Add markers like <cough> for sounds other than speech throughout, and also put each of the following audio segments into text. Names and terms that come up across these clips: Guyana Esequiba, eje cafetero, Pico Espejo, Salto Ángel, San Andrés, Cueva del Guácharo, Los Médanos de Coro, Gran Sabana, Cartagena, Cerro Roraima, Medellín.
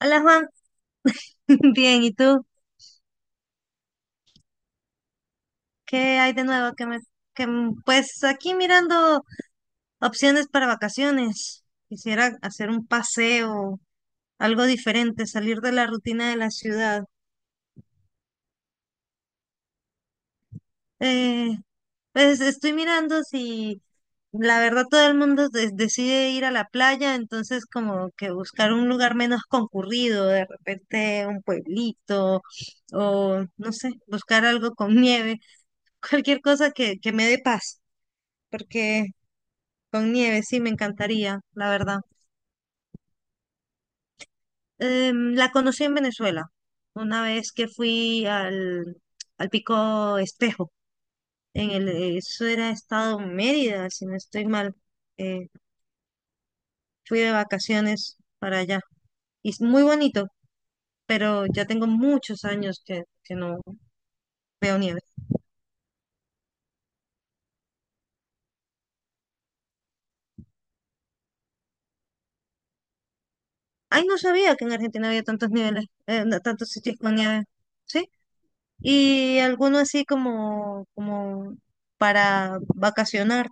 Hola Juan, <laughs> bien, ¿y tú? ¿Qué hay de nuevo? Que me, que, mm, Pues aquí mirando opciones para vacaciones. Quisiera hacer un paseo, algo diferente, salir de la rutina de la ciudad. Eh, pues estoy mirando si, la verdad, todo el mundo decide ir a la playa, entonces como que buscar un lugar menos concurrido, de repente un pueblito o no sé, buscar algo con nieve, <laughs> cualquier cosa que me dé paz, porque con nieve, sí, me encantaría, la verdad. La conocí en Venezuela, una vez que fui al Pico Espejo, en el, eso era estado Mérida, si no estoy mal. Eh, Fui de vacaciones para allá. Y es muy bonito, pero ya tengo muchos años que no veo nieve. Ay, no sabía que en Argentina había tantos niveles, no, tantos sitios con nieve. ¿Sí? Y alguno así como para vacacionar.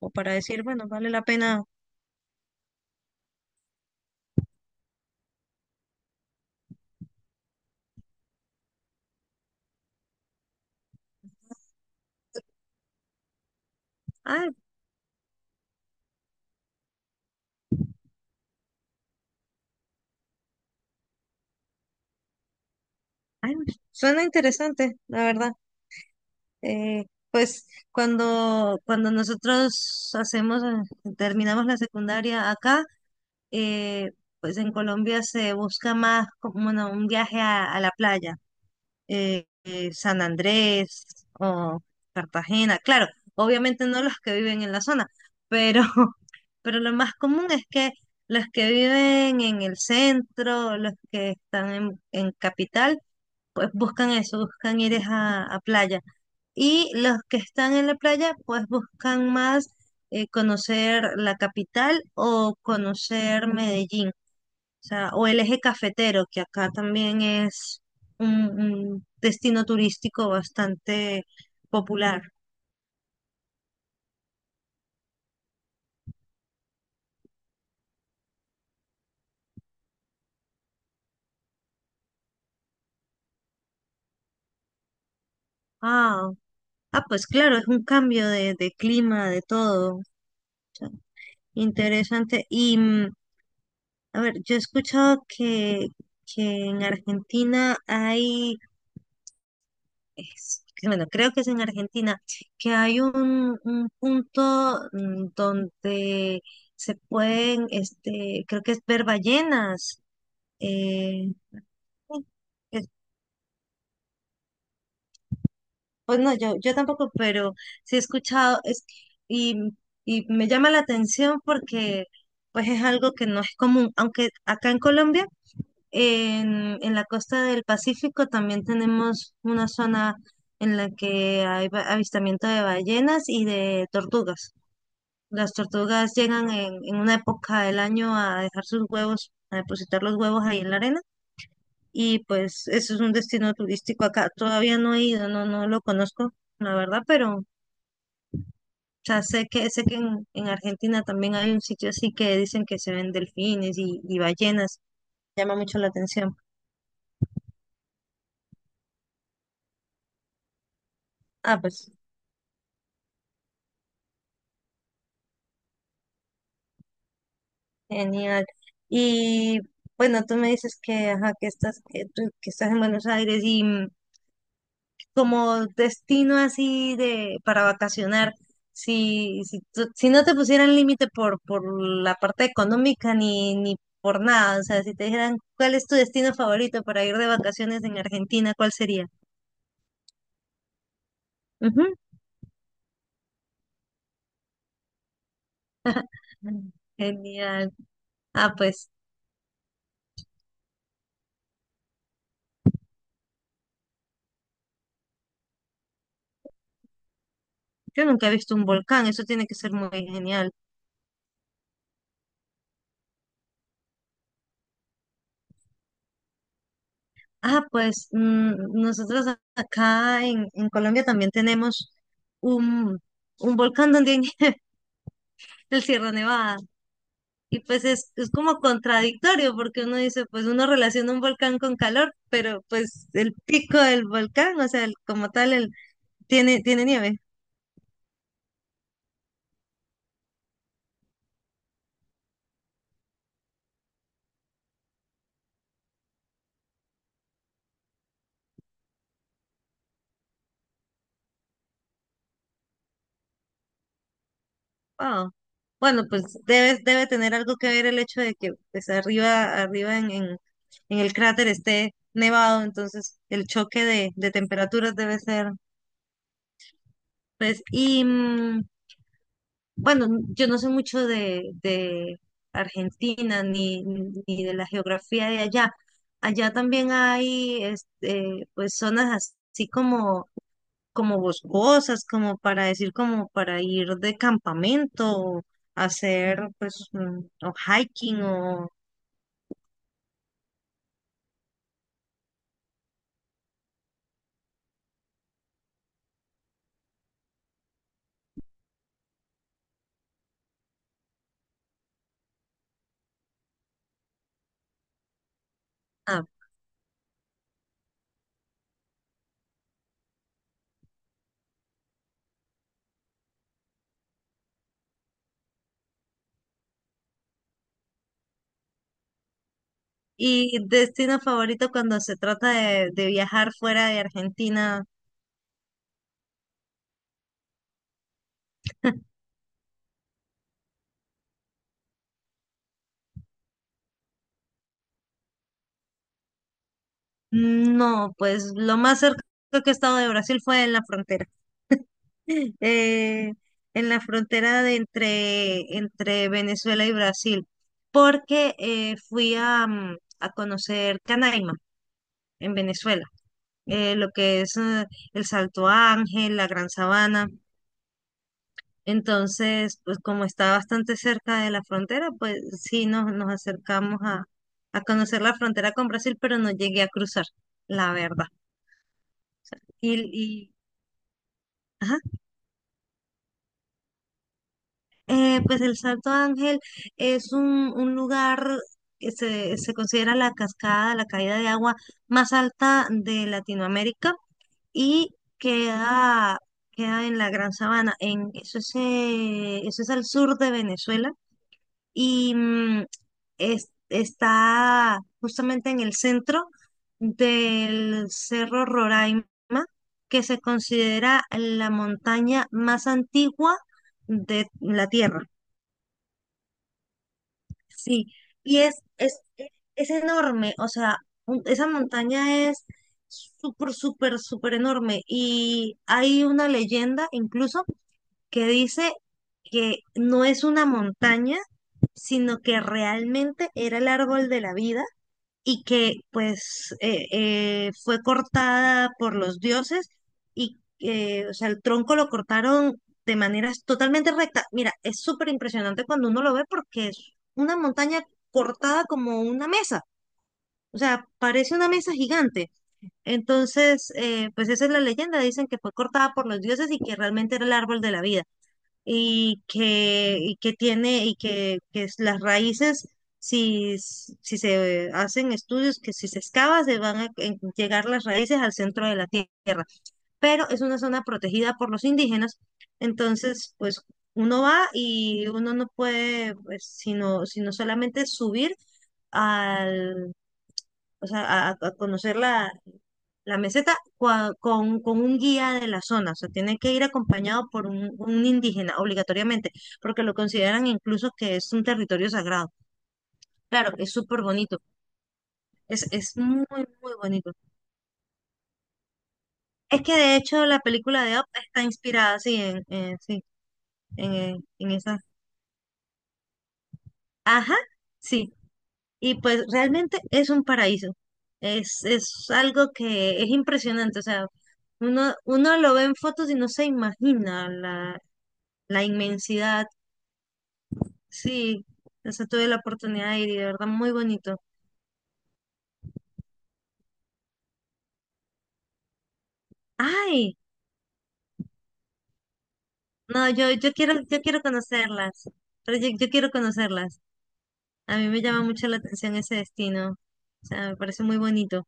O para decir, bueno, vale la pena. Ah, ay, suena interesante, la verdad. Eh, pues cuando nosotros hacemos, terminamos la secundaria acá, eh, pues en Colombia se busca más como, bueno, un viaje a la playa, San Andrés o Cartagena. Claro, obviamente no los que viven en la zona, pero <laughs> pero lo más común es que los que viven en el centro, los que están en capital, pues buscan eso, buscan ir es a playa. Y los que están en la playa, pues buscan más conocer la capital o conocer Medellín, o sea, o el eje cafetero, que acá también es un destino turístico bastante popular. Ah, ah, pues claro, es un cambio de clima, de todo. Interesante. A ver, yo he escuchado que en Argentina hay, bueno, creo que es en Argentina, que hay un punto, mm, donde se pueden, este, creo que es ver ballenas. eh, sí, es- pues no, yo tampoco, pero sí he escuchado, es, y, y me llama la atención porque pues es algo que no es común, aunque acá en Colombia, en la costa del Pacífico también tenemos una zona en la que hay avistamiento de ballenas y de tortugas. Las tortugas llegan en una época del año a dejar sus huevos, a depositar los huevos ahí en la arena. Y pues eso es un destino turístico acá. Todavía no he ido, no, no lo conozco, la verdad, pero ya sé que en Argentina también hay un sitio así que dicen que se ven delfines y ballenas. Llama mucho la atención. Ah, pues. Genial. Y bueno, tú me dices que, ajá, que estás, que estás en Buenos Aires y, mm, como destino así de para vacacionar, si no te pusieran límite por la parte económica ni por nada, o sea, si te dijeran cuál es tu destino favorito para ir de vacaciones en Argentina, ¿cuál sería? Ujú. <laughs> Genial. Ah, pues yo nunca he visto un volcán, eso tiene que ser muy genial. Ah, pues, mm, nosotros acá en Colombia también tenemos un, un volcán donde hay <laughs> el Sierra Nevada. Y pues es como contradictorio porque uno dice, pues uno relaciona un volcán con calor, pero pues el pico del volcán, o sea, el, como tal, el, tiene nieve. Wow. Bueno, pues debe tener algo que ver el hecho de que pues arriba, arriba en el cráter esté nevado, entonces el choque de temperaturas debe ser, pues, y... mm, bueno, yo no sé mucho de Argentina, ni de la geografía de allá. Allá también hay este, pues zonas así como boscosas, como para decir, como para ir de campamento, hacer pues, mm, o hiking o ah, y destino favorito cuando se trata de viajar fuera de Argentina, no, pues lo más cerca que he estado de Brasil fue en la frontera. <laughs> eh, en la frontera de entre Venezuela y Brasil, porque fui a, mm, a conocer Canaima en Venezuela, lo que es, el Salto Ángel, la Gran Sabana. Entonces, pues como está bastante cerca de la frontera, pues sí nos, nos acercamos a conocer la frontera con Brasil, pero no llegué a cruzar, la verdad. Y, ajá. Pues el Salto Ángel es un lugar que se considera la cascada, la caída de agua más alta de Latinoamérica y queda, queda en la Gran Sabana. Eso es, eso es al sur de Venezuela y, mm, está justamente en el centro del Cerro Roraima, que se considera la montaña más antigua de la Tierra. Sí, y es enorme, o sea, esa montaña es súper, súper, súper enorme. Y hay una leyenda incluso que dice que no es una montaña, sino que realmente era el árbol de la vida y que pues fue cortada por los dioses y o sea, el tronco lo cortaron de manera totalmente recta. Mira, es súper impresionante cuando uno lo ve porque es una montaña cortada como una mesa, o sea, parece una mesa gigante. Entonces, pues esa es la leyenda, dicen que fue cortada por los dioses y que realmente era el árbol de la vida y que tiene que es las raíces, si, si se hacen estudios, que si se excava, se van a llegar las raíces al centro de la tierra. Pero es una zona protegida por los indígenas, entonces, pues uno va y uno no puede, pues, sino solamente subir al, o sea, a conocer la meseta con un guía de la zona, o sea, tiene que ir acompañado por un indígena obligatoriamente, porque lo consideran incluso que es un territorio sagrado. Claro, es súper bonito, es muy bonito. Es que de hecho la película de Up está inspirada, sí, en, sí, en esa. Ajá, sí. Y pues realmente es un paraíso. Es algo que es impresionante, o sea, uno lo ve en fotos y no se imagina la inmensidad. Sí, eso tuve la oportunidad de ir y de verdad muy bonito. Ay, no, yo quiero conocerlas, pero yo quiero conocerlas. A mí me llama mucho la atención ese destino, o sea, me parece muy bonito.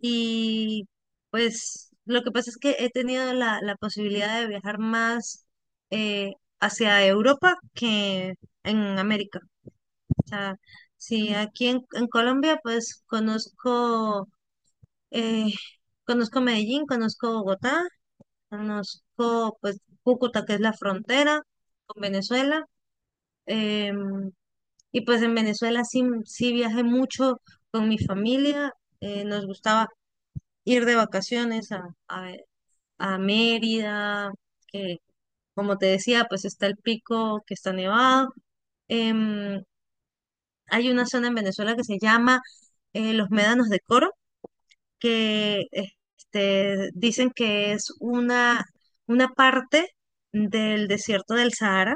Y pues lo que pasa es que he tenido la, la posibilidad de viajar más eh, hacia Europa que en América. O sea, sí, aquí en Colombia pues conozco... eh, Conozco Medellín, conozco Bogotá, conozco pues Cúcuta, que es la frontera con Venezuela. em, y pues en Venezuela sí, sí viajé mucho con mi familia. Nos gustaba ir de vacaciones a, a Mérida, que, como te decía, pues está el pico que está nevado. Em, Hay una zona en Venezuela que se llama, Los Médanos de Coro, que este, dicen que es una parte del desierto del Sahara,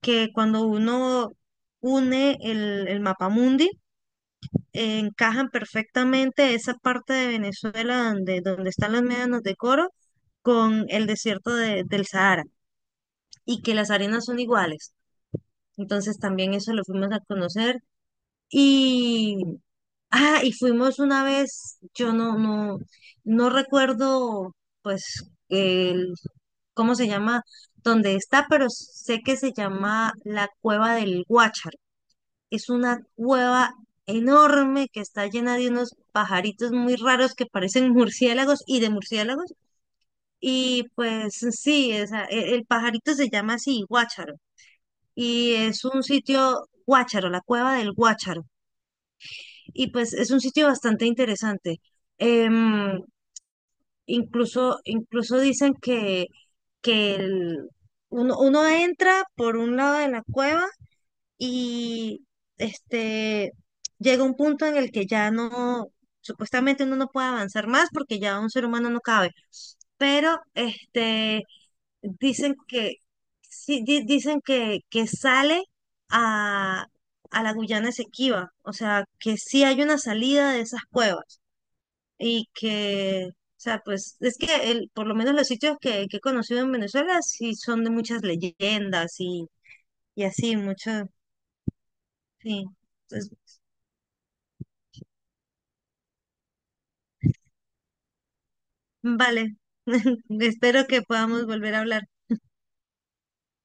que cuando uno une el mapamundi, encajan perfectamente esa parte de Venezuela donde, donde están los médanos de Coro con el desierto del Sahara y que las arenas son iguales. Entonces también eso lo fuimos a conocer y ah, y fuimos una vez, yo no recuerdo, pues, el, cómo se llama, dónde está, pero sé que se llama la Cueva del Guácharo. Es una cueva enorme que está llena de unos pajaritos muy raros que parecen <laughs> murciélagos y de murciélagos. Y pues sí, el pajarito se llama así, Guácharo. Y es un sitio, Guácharo, la Cueva del Guácharo. Y pues es un sitio bastante interesante. Em, incluso incluso dicen que uno entra por un lado de la cueva y este llega un punto en el que ya no, supuestamente uno no puede avanzar más porque ya un ser humano no cabe. Pero este dicen que, sí, dicen que sale a, a la Guyana Esequiba, o sea, que sí hay una salida de esas cuevas y que, o sea, pues es que el, por lo menos los sitios que he conocido en Venezuela sí son de muchas leyendas y así, mucho, sí. Entonces, vale, <laughs> espero que podamos volver a hablar.